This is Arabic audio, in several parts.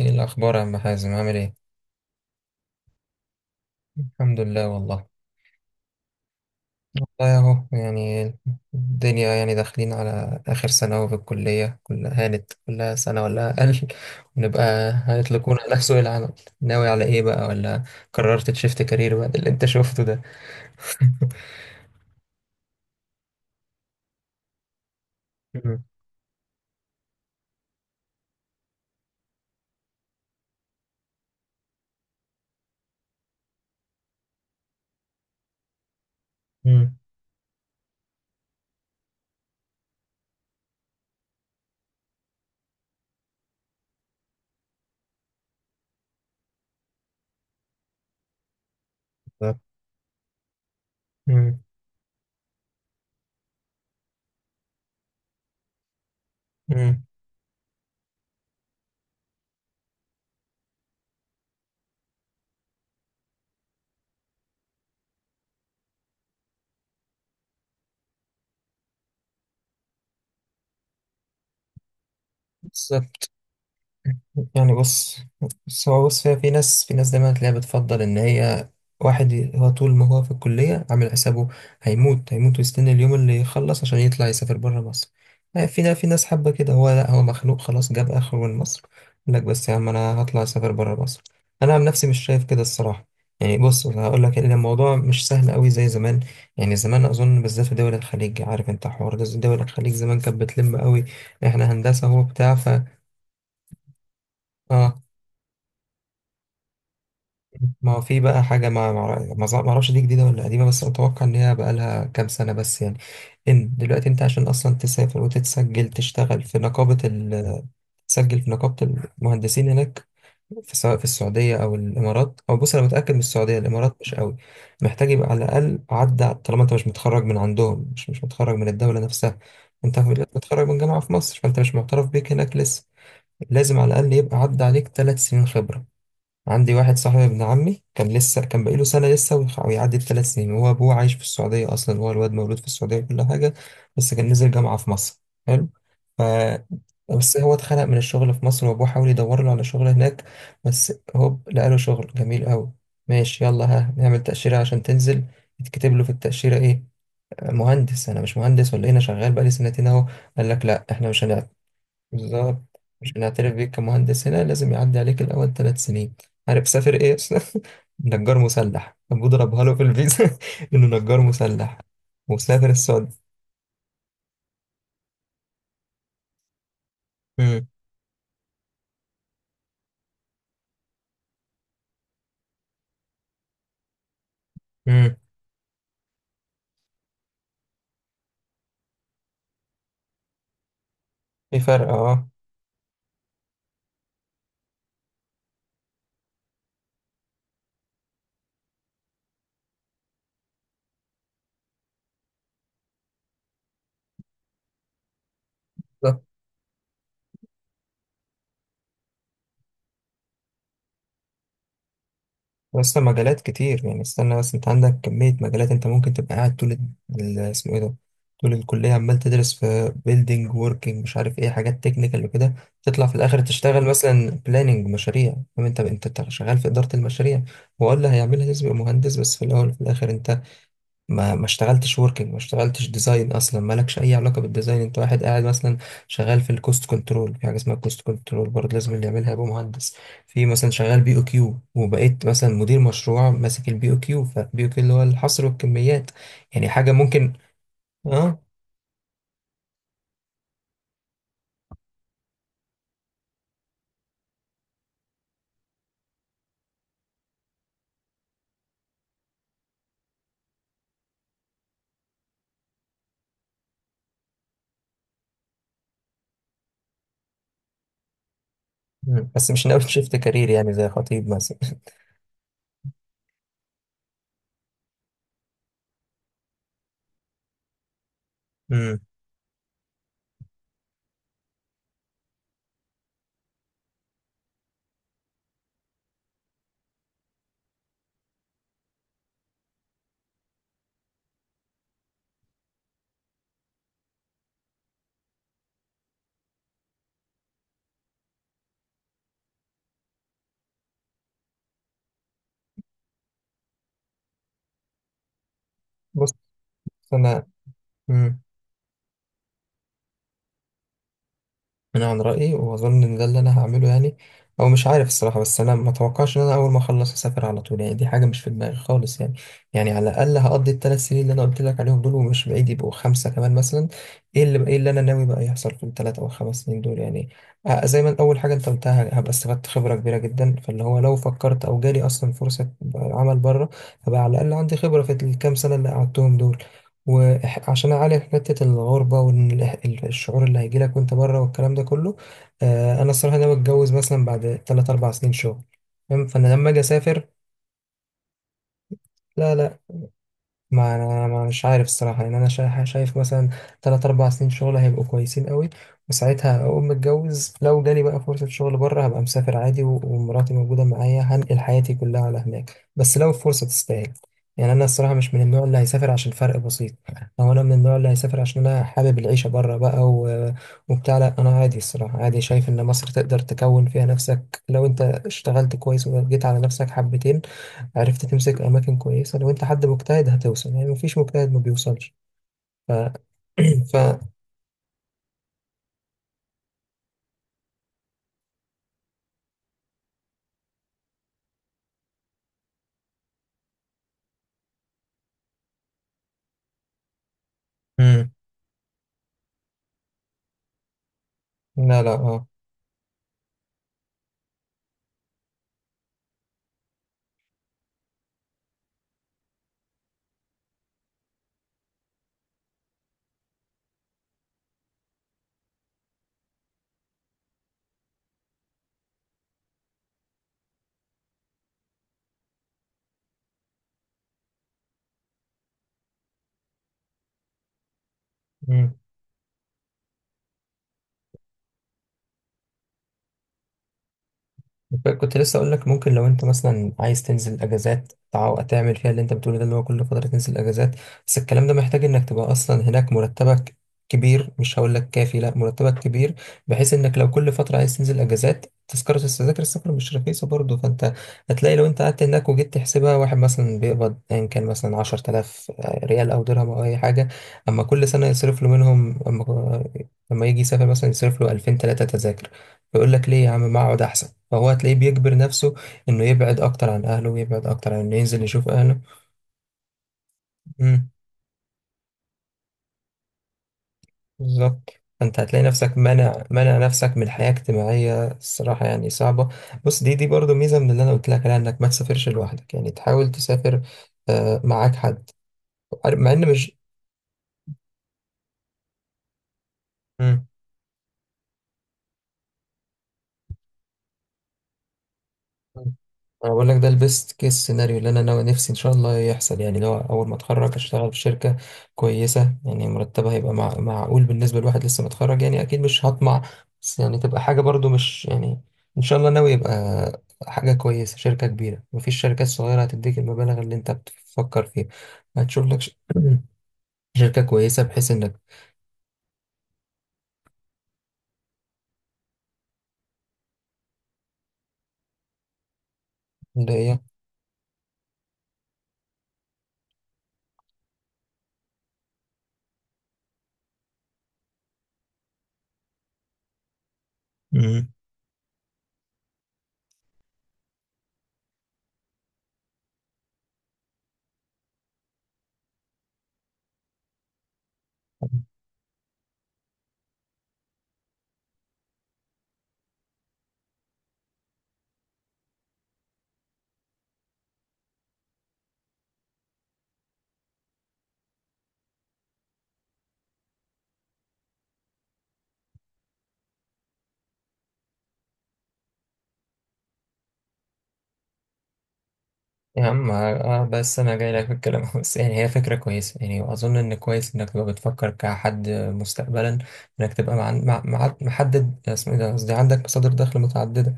ايه الاخبار يا عم حازم؟ عامل ايه؟ الحمد لله والله. والله اهو يعني الدنيا يعني داخلين على اخر سنه اهو، في الكليه كلها هانت، كلها سنه ولا اقل ونبقى هيطلقونا على سوق العمل. ناوي على ايه بقى، ولا قررت تشفت كارير بعد اللي انت شفته ده؟ مم. مم. بالظبط. مم. مم. بالظبط. يعني بص. بص هو فيها، في ناس، في ناس دايما تلاقيها بتفضل ان هي هو طول ما هو في الكلية عامل حسابه، هيموت هيموت ويستنى اليوم اللي يخلص عشان يطلع يسافر بره مصر. في ناس، في ناس حابة كده، هو لا، هو مخنوق خلاص، جاب اخره من مصر. يقول لك بس يا عم انا هطلع اسافر بره مصر. انا عن نفسي مش شايف كده الصراحة. يعني بص، أنا هقول لك ان الموضوع مش سهل قوي زي زمان. يعني زمان اظن بالذات في دول الخليج، عارف انت حوار ده، دول الخليج زمان كانت بتلم قوي. احنا هندسة، هو بتاع اه. ما هو في بقى حاجة، ما أعرفش دي جديدة ولا قديمة، بس أتوقع إن هي بقى لها كام سنة بس يعني. إن دلوقتي أنت عشان أصلا تسافر وتتسجل تشتغل في نقابة ال تسجل في نقابة المهندسين هناك، في، سواء في السعودية أو الإمارات، أو بص أنا متأكد من السعودية، الإمارات مش قوي. محتاج يبقى على الأقل عدى، طالما أنت مش متخرج من عندهم، مش متخرج من الدولة نفسها. أنت متخرج من جامعة في مصر، فأنت مش معترف بيك هناك لسه. لازم على الأقل يبقى عدى عليك ثلاث سنين خبرة. عندي واحد صاحبي ابن عمي كان لسه، كان بقاله سنة لسه ويعدي الثلاث سنين. هو أبوه عايش في السعودية أصلا، هو الواد مولود في السعودية وكل حاجة، بس كان نزل جامعة في مصر. حلو. ف بس هو اتخنق من الشغل في مصر، وأبوه حاول يدور له على شغل هناك. بس هوب لقى له شغل جميل أوي. ماشي يلا ها نعمل تأشيرة عشان تنزل. يتكتب له في التأشيرة إيه؟ مهندس؟ أنا مش مهندس ولا إيه؟ أنا شغال بقالي سنتين أهو. قال لك لأ إحنا مش هنعمل. بالظبط، عشان اعترف بيك كمهندس هنا لازم يعدي عليك الاول ثلاث سنين. عارف سافر ايه؟ نجار مسلح، ابوه ضربها له في الفيزا انه نجار مسلح، وسافر السعودية. امم امم في فرق اه. اصلا مجالات كتير يعني، استنى بس، انت عندك كمية مجالات، انت ممكن تبقى قاعد طول اسمه ايه ده، طول الكلية عمال تدرس في بيلدينج، وركينج، مش عارف ايه، حاجات تكنيكال وكده، تطلع في الاخر تشتغل مثلا بلاننج مشاريع، فاهم انت؟ انت شغال في إدارة المشاريع. هو اللي هيعملها لازم يبقى مهندس، بس في الاول وفي الاخر انت ما اشتغلتش وركينج، ما اشتغلتش ديزاين، اصلا مالكش اي علاقه بالديزاين، انت واحد قاعد مثلا شغال في الكوست كنترول، في حاجه اسمها الكوست كنترول برضه لازم اللي يعملها يبقى مهندس. في مثلا شغال بي او كيو، وبقيت مثلا مدير مشروع ماسك البي او كيو، فبي او كيو اللي هو الحصر والكميات، يعني حاجه ممكن. اه. مم. بس مش ناوي شيفت كارير يعني زي خطيب مثلا؟ مم. بص انا. مم. انا عن رايي، واظن ان ده اللي انا هعمله يعني، او مش عارف الصراحه، بس انا ما اتوقعش ان انا اول ما اخلص اسافر على طول، يعني دي حاجه مش في دماغي خالص. يعني يعني على الاقل هقضي الثلاث سنين اللي انا قلت لك عليهم دول، ومش بعيد يبقوا خمسه كمان مثلا. ايه اللي انا ناوي بقى يحصل في الثلاث او خمس سنين دول يعني؟ زي ما اول حاجه انت قلتها، هبقى استفدت خبره كبيره جدا، فاللي هو لو فكرت او جالي اصلا فرصه عمل بره هبقى على الاقل عندي خبره في الكام سنه اللي قعدتهم دول. وعشان اعالج حته الغربه والشعور اللي هيجيلك وانت بره والكلام ده كله، انا الصراحه ناوي اتجوز مثلا بعد 3 4 سنين شغل، فاهم؟ فانا لما اجي اسافر. لا لا. ما انا ما مش عارف الصراحه يعني، انا شايف مثلا تلات اربع سنين شغل هيبقوا كويسين قوي، وساعتها اقوم متجوز. لو جالي بقى فرصه شغل بره هبقى مسافر عادي، ومراتي موجوده معايا، هنقل حياتي كلها على هناك، بس لو الفرصه تستاهل. يعني انا الصراحه مش من النوع اللي هيسافر عشان فرق بسيط، او انا من النوع اللي هيسافر عشان انا حابب العيشه بره بقى و... وبتاع. لا، انا عادي الصراحه، عادي. شايف ان مصر تقدر تكون فيها نفسك لو انت اشتغلت كويس، وجيت على نفسك حبتين، عرفت تمسك أماكن كويسة. لو أنت حد مجتهد هتوصل يعني، مفيش مجتهد ما بيوصلش. ف ف مم. لا لا اه. كنت لسه اقول لك، ممكن لو انت مثلا عايز تنزل اجازات تعمل فيها اللي انت بتقوله ده، اللي هو كل فتره تنزل اجازات. بس الكلام ده محتاج انك تبقى اصلا هناك مرتبك كبير، مش هقول لك كافي، لا مرتبك كبير، بحيث انك لو كل فتره عايز تنزل اجازات، تذكره، التذاكر السفر مش رخيصه برضه. فانت هتلاقي لو انت قعدت هناك وجيت تحسبها، واحد مثلا بيقبض ان كان مثلا 10000 ريال او درهم او اي حاجه، اما كل سنه يصرف له منهم، اما اما يجي يسافر مثلا يصرف له 2000 3 تذاكر، يقول لك ليه يا عم ما اقعد احسن. فهو هتلاقيه بيجبر نفسه انه يبعد اكتر عن اهله، ويبعد اكتر عن انه ينزل يشوف اهله. امم. بالظبط. فانت هتلاقي نفسك منع نفسك من حياة اجتماعية، الصراحة يعني صعبة. بص دي، دي برضو ميزة من اللي انا قلت لك عليها، انك ما تسافرش لوحدك يعني، تحاول تسافر معاك حد، مع ان مش. مم. انا بقول لك ده البيست كيس سيناريو اللي انا ناوي نفسي ان شاء الله يحصل، يعني لو اول ما اتخرج اشتغل في شركه كويسه، يعني مرتبها هيبقى مع... معقول بالنسبه لواحد لسه متخرج، يعني اكيد مش هطمع، بس يعني تبقى حاجه برضو مش يعني. ان شاء الله ناوي يبقى حاجه كويسه، شركه كبيره، مفيش شركات صغيره هتديك المبالغ اللي انت بتفكر فيها. هتشوف لك ش شركه كويسه بحيث انك اللي هي. يا عم اه. بس انا جاي لك في الكلام بس يعني هي فكره كويسه، يعني واظن ان كويس انك تبقى بتفكر كحد مستقبلا، انك تبقى مع، مع، محدد، اسمه ايه ده، قصدي عندك مصادر دخل متعدده.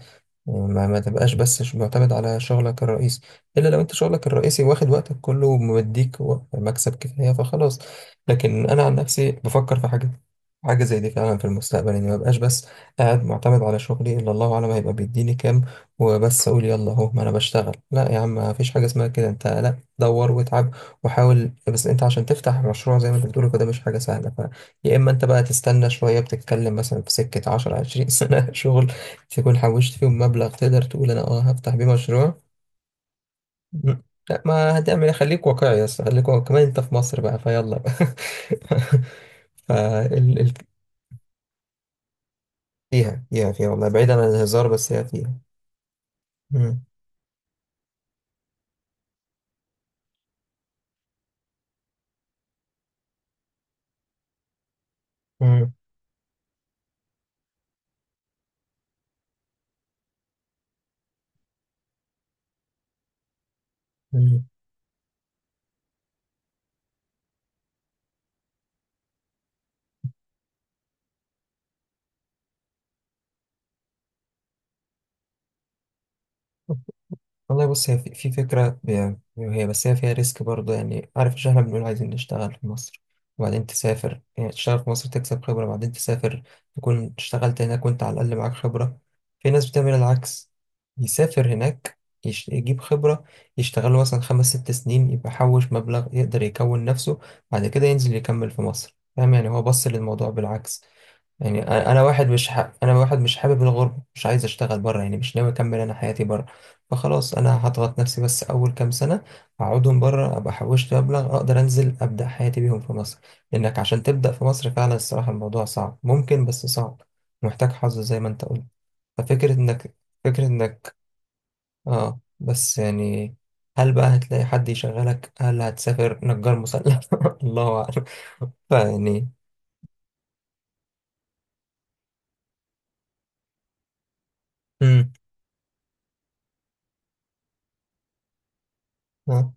ما تبقاش بس معتمد على شغلك الرئيسي، الا لو انت شغلك الرئيسي واخد وقتك كله ومديك مكسب كفايه فخلاص. لكن انا عن نفسي بفكر في حاجه، حاجه زي دي فعلا في المستقبل، اني ما بقاش بس قاعد معتمد على شغلي، الا الله اعلم هيبقى بيديني كام، وبس اقول يلا اهو ما انا بشتغل. لا يا عم، ما فيش حاجه اسمها كده، انت لا دور واتعب وحاول. بس انت عشان تفتح مشروع زي ما انت بتقول كده مش حاجه سهله، ف يا اما انت بقى تستنى شويه، بتتكلم مثلا في سكه 10 20 سنه شغل تكون حوشت فيهم مبلغ تقدر تقول انا اه هفتح بيه مشروع. مم. لا، ما هتعمل إيه؟ خليك واقعي يا اسطى، خليك واقعي، كمان انت في مصر بقى، فيلا بقى فال ال فيها، فيها، فيها والله، بعيدا عن الهزار بس هي فيها. مم. مم. مم. والله بص، هي في، في فكرة، هي بس هي فيها ريسك برضه، يعني عارف، مش احنا بنقول عايزين نشتغل في مصر وبعدين تسافر؟ يعني تشتغل في مصر تكسب خبرة وبعدين تسافر، تكون اشتغلت هناك وانت على الأقل معاك خبرة. في ناس بتعمل العكس، يسافر هناك، يجيب خبرة، يشتغل مثلا خمس ست سنين، يبقى حوش مبلغ يقدر يكون نفسه، بعد كده ينزل يكمل في مصر، فاهم يعني؟ هو بص للموضوع بالعكس. يعني انا واحد مش انا واحد مش حابب الغربه، مش عايز اشتغل بره يعني، مش ناوي اكمل انا حياتي بره، فخلاص انا هضغط نفسي بس اول كام سنه اقعدهم بره، ابقى حوشت مبلغ اقدر انزل ابدا حياتي بيهم في مصر. لانك عشان تبدا في مصر فعلا الصراحه، الموضوع صعب، ممكن بس صعب، محتاج حظ زي ما انت قلت. ففكره انك، فكره انك، اه بس يعني هل بقى هتلاقي حد يشغلك؟ هل هتسافر نجار مسلح الله اعلم. فيعني. امم اه.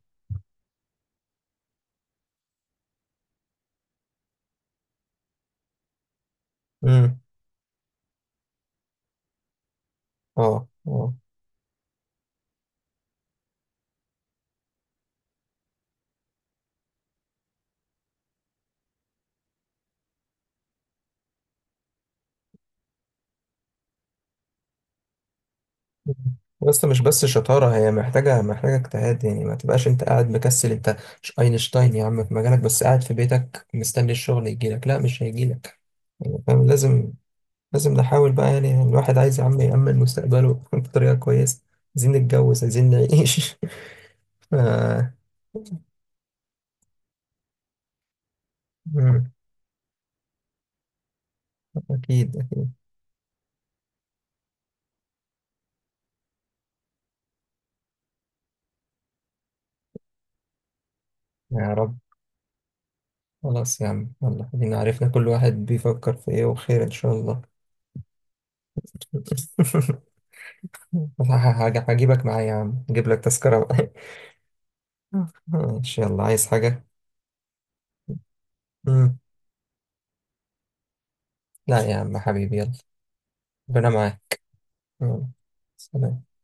امم اه آه. بس مش بس شطارة، هي محتاجة، محتاجة اجتهاد يعني، ما تبقاش انت قاعد مكسل. انت مش اينشتاين يا عم في مجالك، بس قاعد في بيتك مستني الشغل يجيلك. لا، مش هيجيلك يعني فاهم. لازم، لازم نحاول بقى يعني. يعني الواحد عايز يا عم يأمن مستقبله بطريقة كويسة، عايزين نتجوز، عايزين نعيش ف. مم. أكيد أكيد. يا رب. خلاص يا عم، يلا خلينا، عرفنا كل واحد بيفكر في ايه، وخير إن شاء الله. هجيبك معايا يا عم، اجيب لك تذكرة بقى. ماشي يلا، عايز حاجة؟ مم. لا يا عم حبيبي، يلا. ربنا معاك. يلا، سلام.